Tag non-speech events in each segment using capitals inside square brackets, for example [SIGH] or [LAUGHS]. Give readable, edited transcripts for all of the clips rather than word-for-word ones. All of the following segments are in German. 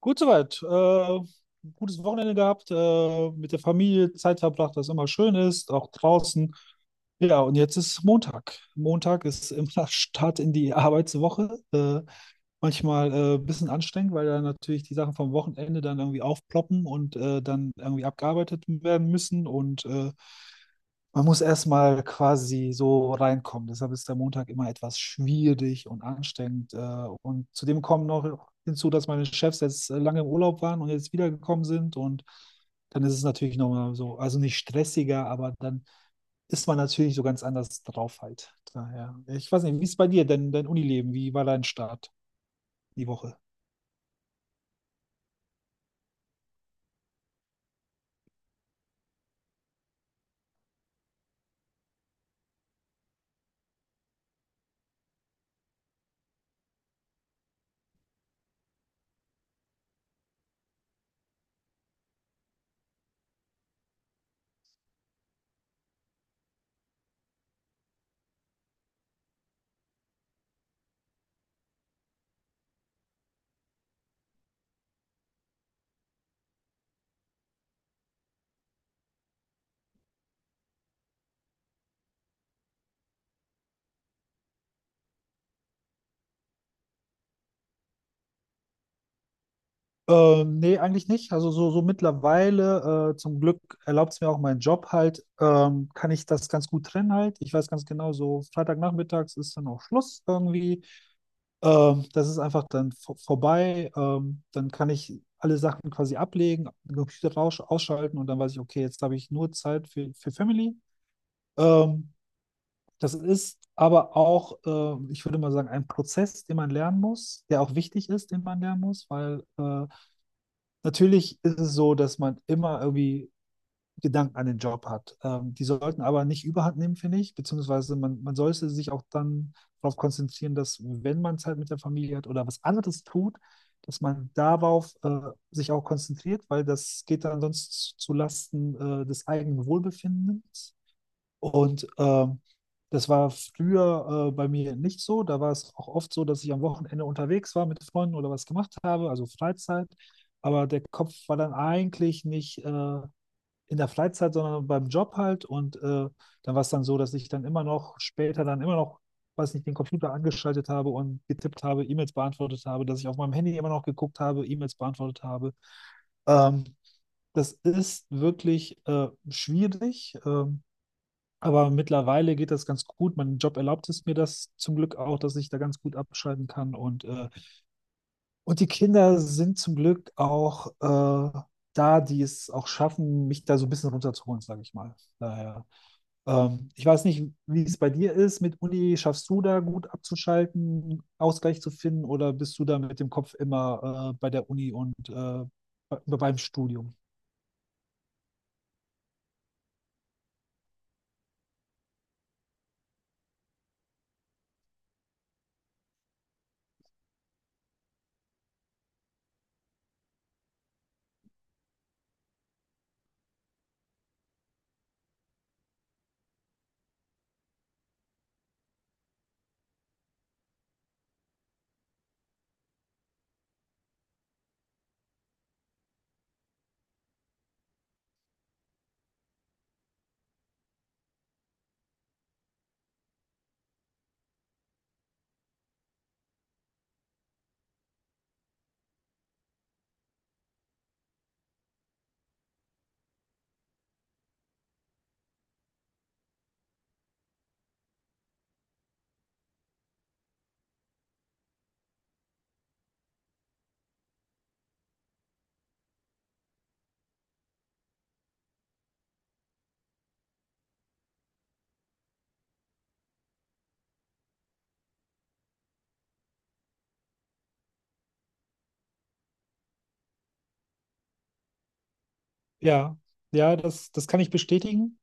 Gut soweit. Gutes Wochenende gehabt, mit der Familie Zeit verbracht, was immer schön ist, auch draußen. Ja, und jetzt ist Montag. Montag ist immer [LAUGHS] Start in die Arbeitswoche. Manchmal ein bisschen anstrengend, weil dann natürlich die Sachen vom Wochenende dann irgendwie aufploppen und dann irgendwie abgearbeitet werden müssen. Und man muss erstmal quasi so reinkommen. Deshalb ist der Montag immer etwas schwierig und anstrengend. Und zudem kommen noch hinzu, dass meine Chefs jetzt lange im Urlaub waren und jetzt wiedergekommen sind. Und dann ist es natürlich nochmal so, also nicht stressiger, aber dann ist man natürlich so ganz anders drauf halt. Daher. Ich weiß nicht, wie ist bei dir denn dein Unileben? Wie war dein Start die Woche? Nee, eigentlich nicht. Also so, so mittlerweile, zum Glück erlaubt es mir auch mein Job halt, kann ich das ganz gut trennen halt. Ich weiß ganz genau, so Freitagnachmittags ist dann auch Schluss irgendwie. Das ist einfach dann vorbei. Dann kann ich alle Sachen quasi ablegen, den Computer raus ausschalten und dann weiß ich, okay, jetzt habe ich nur Zeit für Family. Ähm, Das ist aber auch, ich würde mal sagen, ein Prozess, den man lernen muss, der auch wichtig ist, den man lernen muss, weil natürlich ist es so, dass man immer irgendwie Gedanken an den Job hat. Die sollten aber nicht überhand nehmen, finde ich, beziehungsweise man sollte sich auch dann darauf konzentrieren, dass wenn man Zeit mit der Familie hat oder was anderes tut, dass man darauf sich auch konzentriert, weil das geht dann sonst zu Lasten des eigenen Wohlbefindens. Und das war früher bei mir nicht so. Da war es auch oft so, dass ich am Wochenende unterwegs war mit Freunden oder was gemacht habe, also Freizeit. Aber der Kopf war dann eigentlich nicht in der Freizeit, sondern beim Job halt. Und dann war es dann so, dass ich dann immer noch später dann immer noch, weiß nicht, den Computer angeschaltet habe und getippt habe, E-Mails beantwortet habe, dass ich auf meinem Handy immer noch geguckt habe, E-Mails beantwortet habe. Ähm, Das ist wirklich schwierig. Aber mittlerweile geht das ganz gut. Mein Job erlaubt es mir das zum Glück auch, dass ich da ganz gut abschalten kann. Und die Kinder sind zum Glück auch da, die es auch schaffen, mich da so ein bisschen runterzuholen, sage ich mal. Daher, ich weiß nicht, wie es bei dir ist mit Uni. Schaffst du da gut abzuschalten, Ausgleich zu finden oder bist du da mit dem Kopf immer bei der Uni und beim Studium? Ja, ja, das kann ich bestätigen.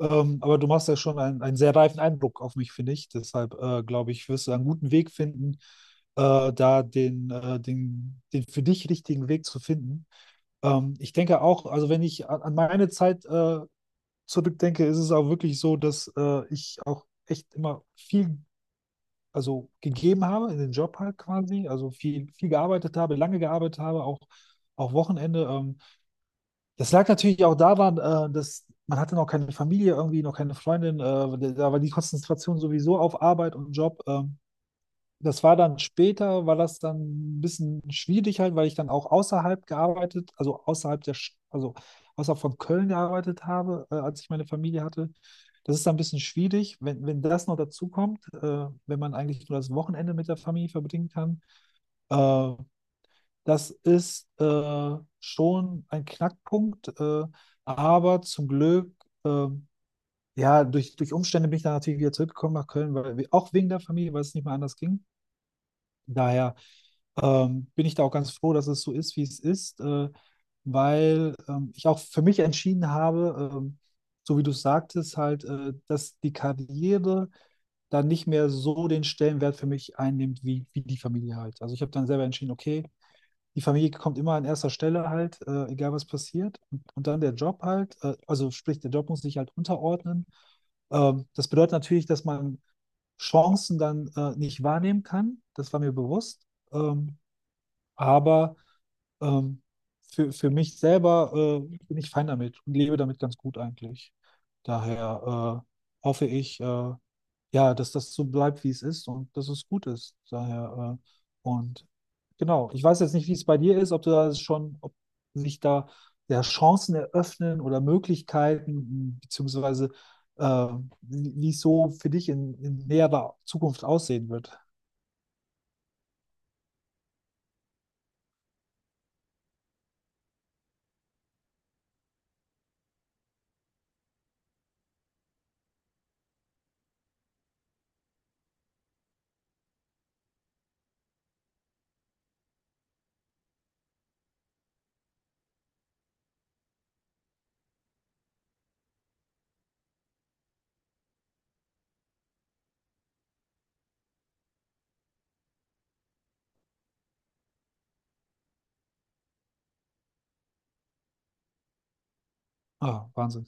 Aber du machst ja schon einen sehr reifen Eindruck auf mich, finde ich. Deshalb glaube ich, wirst du einen guten Weg finden, den für dich richtigen Weg zu finden. Ich denke auch, also wenn ich an meine Zeit zurückdenke, ist es auch wirklich so, dass ich auch echt immer viel, also gegeben habe in den Job halt quasi, also viel gearbeitet habe, lange gearbeitet habe, auch Wochenende. Das lag natürlich auch daran, dass man hatte noch keine Familie irgendwie, noch keine Freundin. Da war die Konzentration sowieso auf Arbeit und Job. Das war dann später, war das dann ein bisschen schwierig halt, weil ich dann auch außerhalb gearbeitet, also außerhalb also außerhalb von Köln gearbeitet habe, als ich meine Familie hatte. Das ist dann ein bisschen schwierig, wenn das noch dazu kommt, wenn man eigentlich nur das Wochenende mit der Familie verbringen kann. Äh, Das ist schon ein Knackpunkt, aber zum Glück, äh, ja, durch Umstände bin ich dann natürlich wieder zurückgekommen nach Köln, auch wegen der Familie, weil es nicht mehr anders ging. Daher bin ich da auch ganz froh, dass es so ist, wie es ist, weil ich auch für mich entschieden habe, so wie du es sagtest, halt, dass die Karriere dann nicht mehr so den Stellenwert für mich einnimmt, wie die Familie halt. Also ich habe dann selber entschieden, okay, die Familie kommt immer an erster Stelle halt, egal was passiert. Und dann der Job halt, also sprich, der Job muss sich halt unterordnen. Das bedeutet natürlich, dass man Chancen dann nicht wahrnehmen kann. Das war mir bewusst. Ähm, aber ähm, für mich selber bin ich fein damit und lebe damit ganz gut eigentlich. Daher hoffe ich, ja, dass das so bleibt, wie es ist und dass es gut ist. Daher, und genau, ich weiß jetzt nicht, wie es bei dir ist, ob du da schon, ob sich da ja, Chancen eröffnen oder Möglichkeiten, beziehungsweise äh, wie wie es so für dich in näherer Zukunft aussehen wird. Ah, Wahnsinn.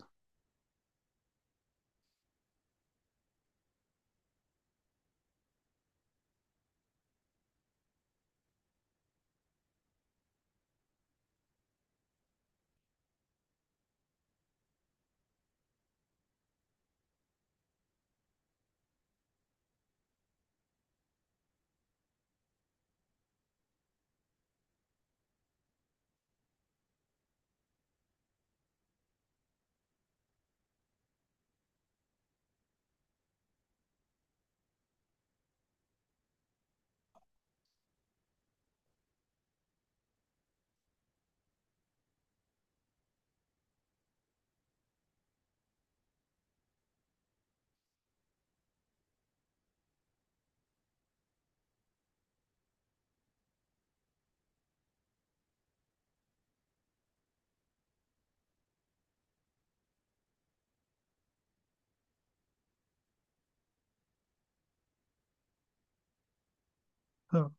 Ja,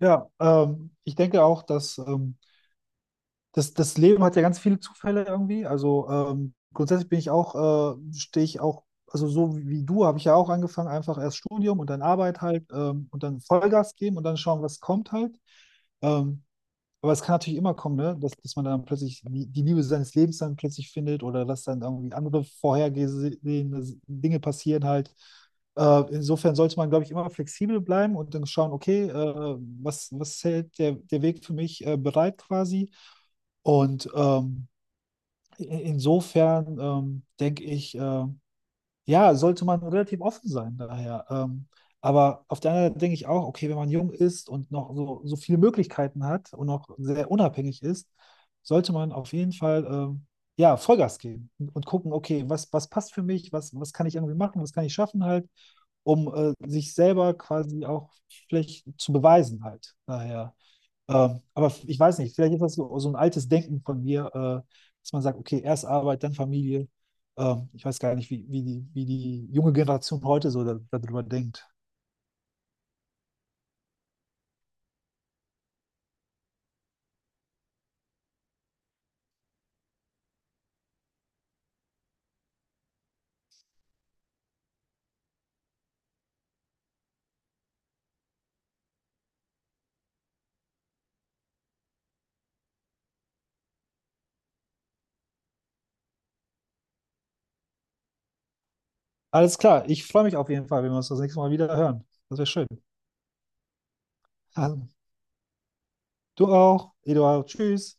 ja ich denke auch, dass das Leben hat ja ganz viele Zufälle irgendwie. Also grundsätzlich bin ich auch, also so wie du habe ich ja auch angefangen, einfach erst Studium und dann Arbeit halt und dann Vollgas geben und dann schauen, was kommt halt. Ähm, aber es kann natürlich immer kommen, ne? Dass man dann plötzlich die die Liebe seines Lebens dann plötzlich findet oder dass dann irgendwie andere vorhergesehene Dinge passieren halt. Insofern sollte man, glaube ich, immer flexibel bleiben und dann schauen, okay, was hält der Weg für mich bereit quasi? Und insofern denke ich, ja, sollte man relativ offen sein daher. Aber auf der anderen Seite denke ich auch, okay, wenn man jung ist und noch so, so viele Möglichkeiten hat und noch sehr unabhängig ist, sollte man auf jeden Fall ja, Vollgas geben und gucken, okay, was passt für mich, was kann ich irgendwie machen, was kann ich schaffen halt, um sich selber quasi auch vielleicht zu beweisen halt. Daher. Ich weiß nicht, vielleicht ist das so, so ein altes Denken von mir, dass man sagt, okay, erst Arbeit, dann Familie. Ich weiß gar nicht, wie die junge Generation heute so da, darüber denkt. Alles klar, ich freue mich auf jeden Fall, wenn wir uns das nächste Mal wieder hören. Das wäre schön. Also, du auch, Eduard, tschüss.